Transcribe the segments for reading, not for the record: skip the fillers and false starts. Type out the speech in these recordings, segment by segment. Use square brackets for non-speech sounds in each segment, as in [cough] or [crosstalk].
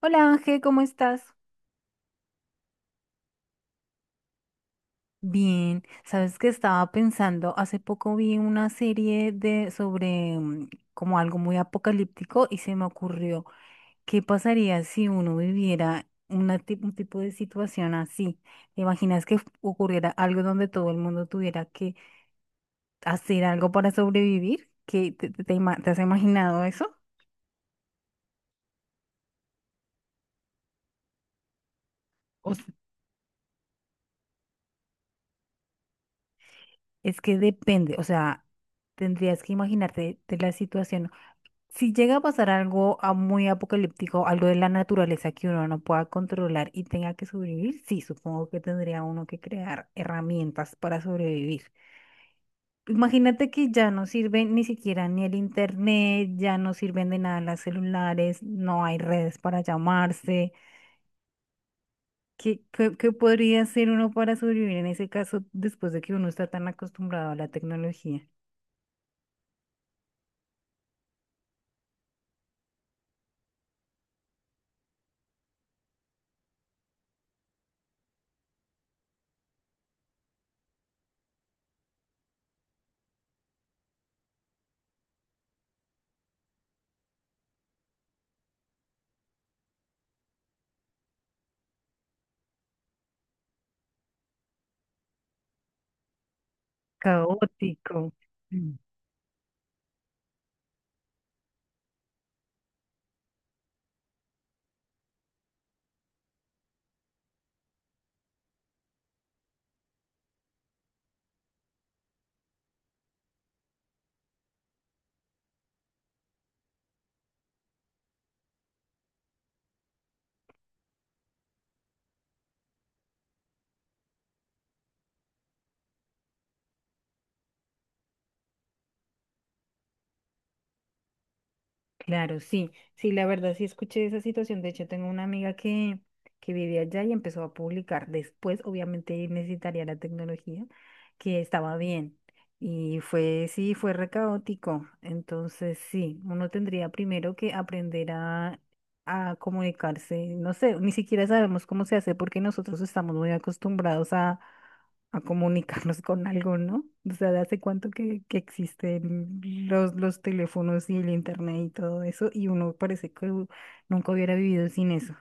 Hola Ángel, ¿cómo estás? Bien, sabes que estaba pensando, hace poco vi una serie de sobre como algo muy apocalíptico y se me ocurrió, ¿qué pasaría si uno viviera un tipo de situación así? ¿Te imaginas que ocurriera algo donde todo el mundo tuviera que hacer algo para sobrevivir? ¿Qué te has imaginado eso? O s- es que depende, o sea, tendrías que imaginarte de la situación. Si llega a pasar algo muy apocalíptico, algo de la naturaleza que uno no pueda controlar y tenga que sobrevivir, sí, supongo que tendría uno que crear herramientas para sobrevivir. Imagínate que ya no sirve ni siquiera ni el internet, ya no sirven de nada las celulares, no hay redes para llamarse. Qué podría hacer uno para sobrevivir en ese caso después de que uno está tan acostumbrado a la tecnología? Caótico. Claro, sí, sí, la verdad sí escuché esa situación. De hecho, tengo una amiga que vive allá y empezó a publicar. Después, obviamente, necesitaría la tecnología, que estaba bien. Y fue, sí, fue re caótico. Entonces, sí, uno tendría primero que aprender a comunicarse. No sé, ni siquiera sabemos cómo se hace porque nosotros estamos muy acostumbrados a comunicarnos con algo, ¿no? O sea, ¿de hace cuánto que existen los teléfonos y el internet y todo eso? Y uno parece nunca hubiera vivido sin eso.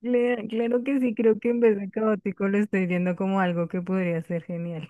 Claro que sí, creo que en vez de caótico lo estoy viendo como algo que podría ser genial.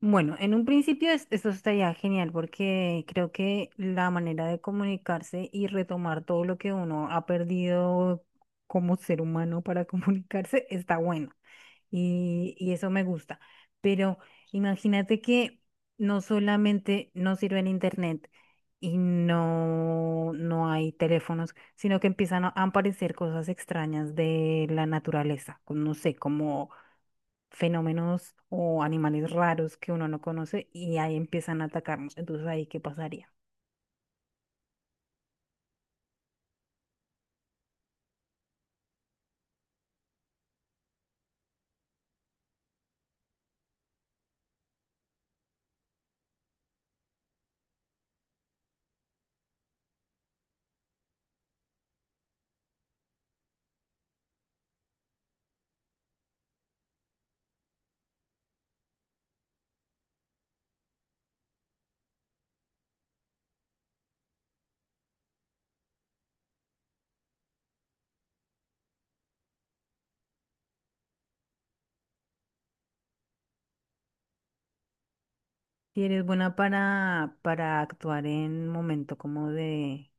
Bueno, en un principio eso estaría genial porque creo que la manera de comunicarse y retomar todo lo que uno ha perdido como ser humano para [laughs] comunicarse está bueno. Y eso me gusta. Pero imagínate que no solamente no sirve el internet y no hay teléfonos, sino que empiezan a aparecer cosas extrañas de la naturaleza, como, no sé, como fenómenos o animales raros que uno no conoce y ahí empiezan a atacarnos. Entonces, ¿ahí qué pasaría? Si eres buena para actuar en momento como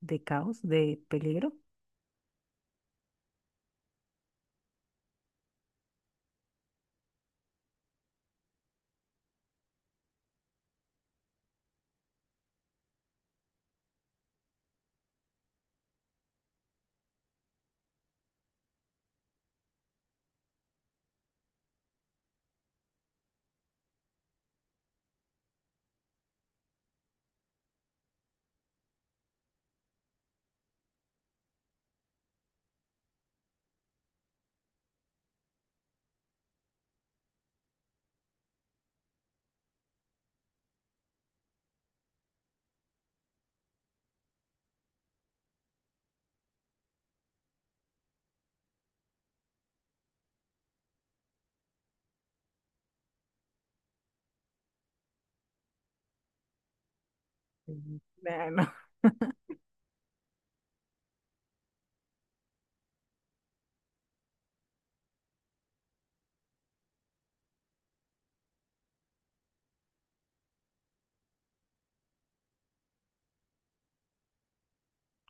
de caos, de peligro. Mm, bueno, [laughs]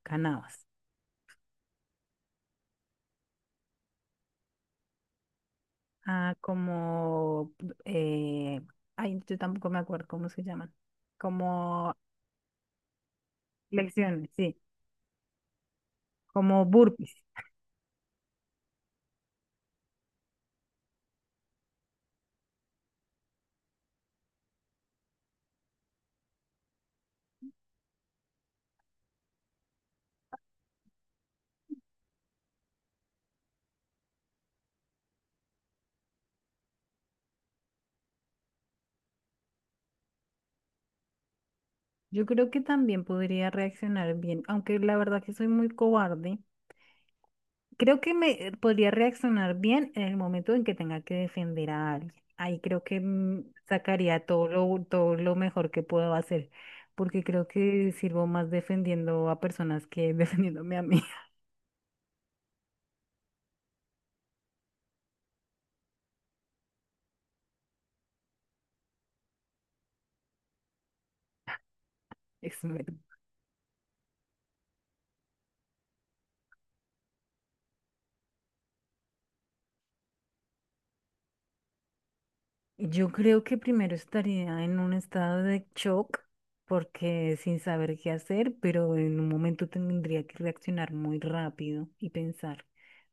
ganabas. Ah, como, eh, ay, yo tampoco me acuerdo cómo se llaman. Como lecciones, sí, como burpees. Yo creo que también podría reaccionar bien, aunque la verdad que soy muy cobarde. Creo que me podría reaccionar bien en el momento en que tenga que defender a alguien. Ahí creo que sacaría todo lo mejor que puedo hacer, porque creo que sirvo más defendiendo a personas que [laughs] defendiéndome a mí. [laughs] Es verdad. Yo creo que primero estaría en un estado de shock porque sin saber qué hacer, pero en un momento tendría que reaccionar muy rápido y pensar.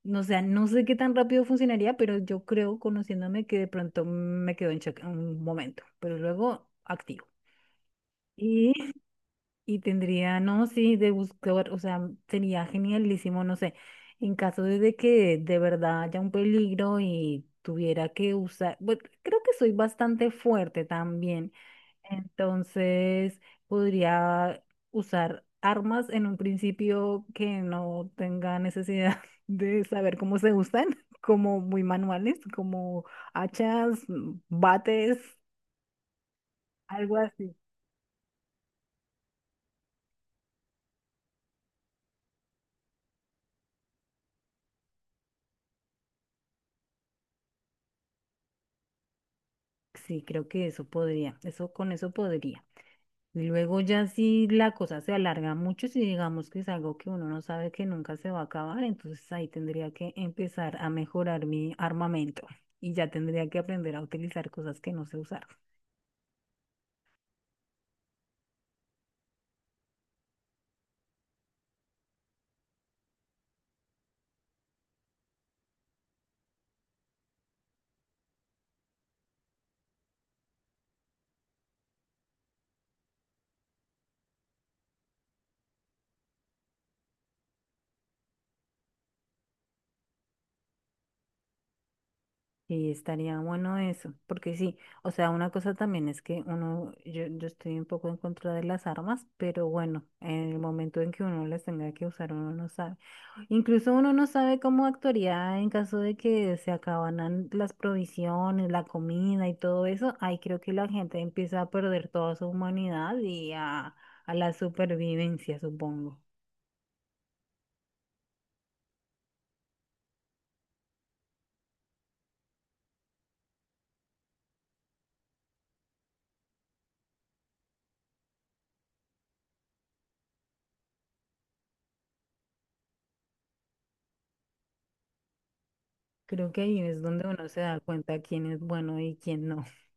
No, o sea, no sé qué tan rápido funcionaría, pero yo creo, conociéndome, que de pronto me quedo en shock un momento, pero luego activo. Y [laughs] y tendría, no, sí, de buscar, o sea, sería genialísimo, no sé, en caso de que de verdad haya un peligro y tuviera que usar, bueno, creo que soy bastante fuerte también, entonces podría usar armas en un principio que no tenga necesidad [laughs] de saber cómo se usan, [laughs] como muy manuales, como hachas, bates, algo así. Sí, creo que eso podría, eso con eso podría. Y luego ya si la cosa se alarga mucho, si digamos que es algo que uno no sabe que nunca se va a acabar, entonces ahí tendría que empezar a mejorar mi armamento y ya tendría que aprender a utilizar cosas que no sé usar. Y estaría bueno eso, porque sí, o sea, una cosa también es que uno, yo estoy un poco en contra de las armas, pero bueno, en el momento en que uno las tenga que usar, uno no sabe. Incluso uno no sabe cómo actuaría en caso de que se acabaran las provisiones, la comida y todo eso. Ahí creo que la gente empieza a perder toda su humanidad y a la supervivencia, supongo. Creo que ahí es donde uno se da cuenta quién es bueno y quién no. [laughs]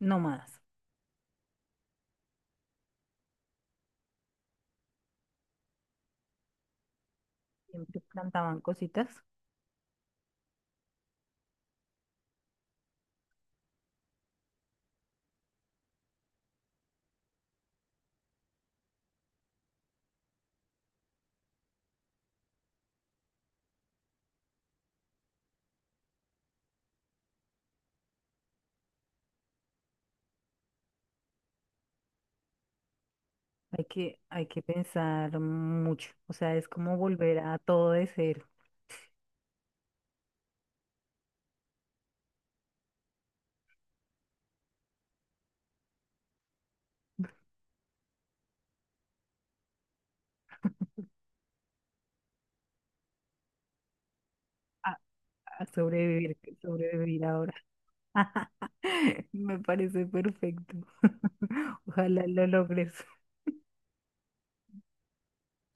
No más. Siempre plantaban cositas. Hay que pensar mucho. O sea, es como volver a todo de cero, a, a sobrevivir, sobrevivir ahora. [laughs] Me parece perfecto. [laughs] Ojalá lo logres.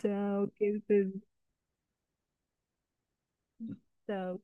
Chao, que estés. Chao.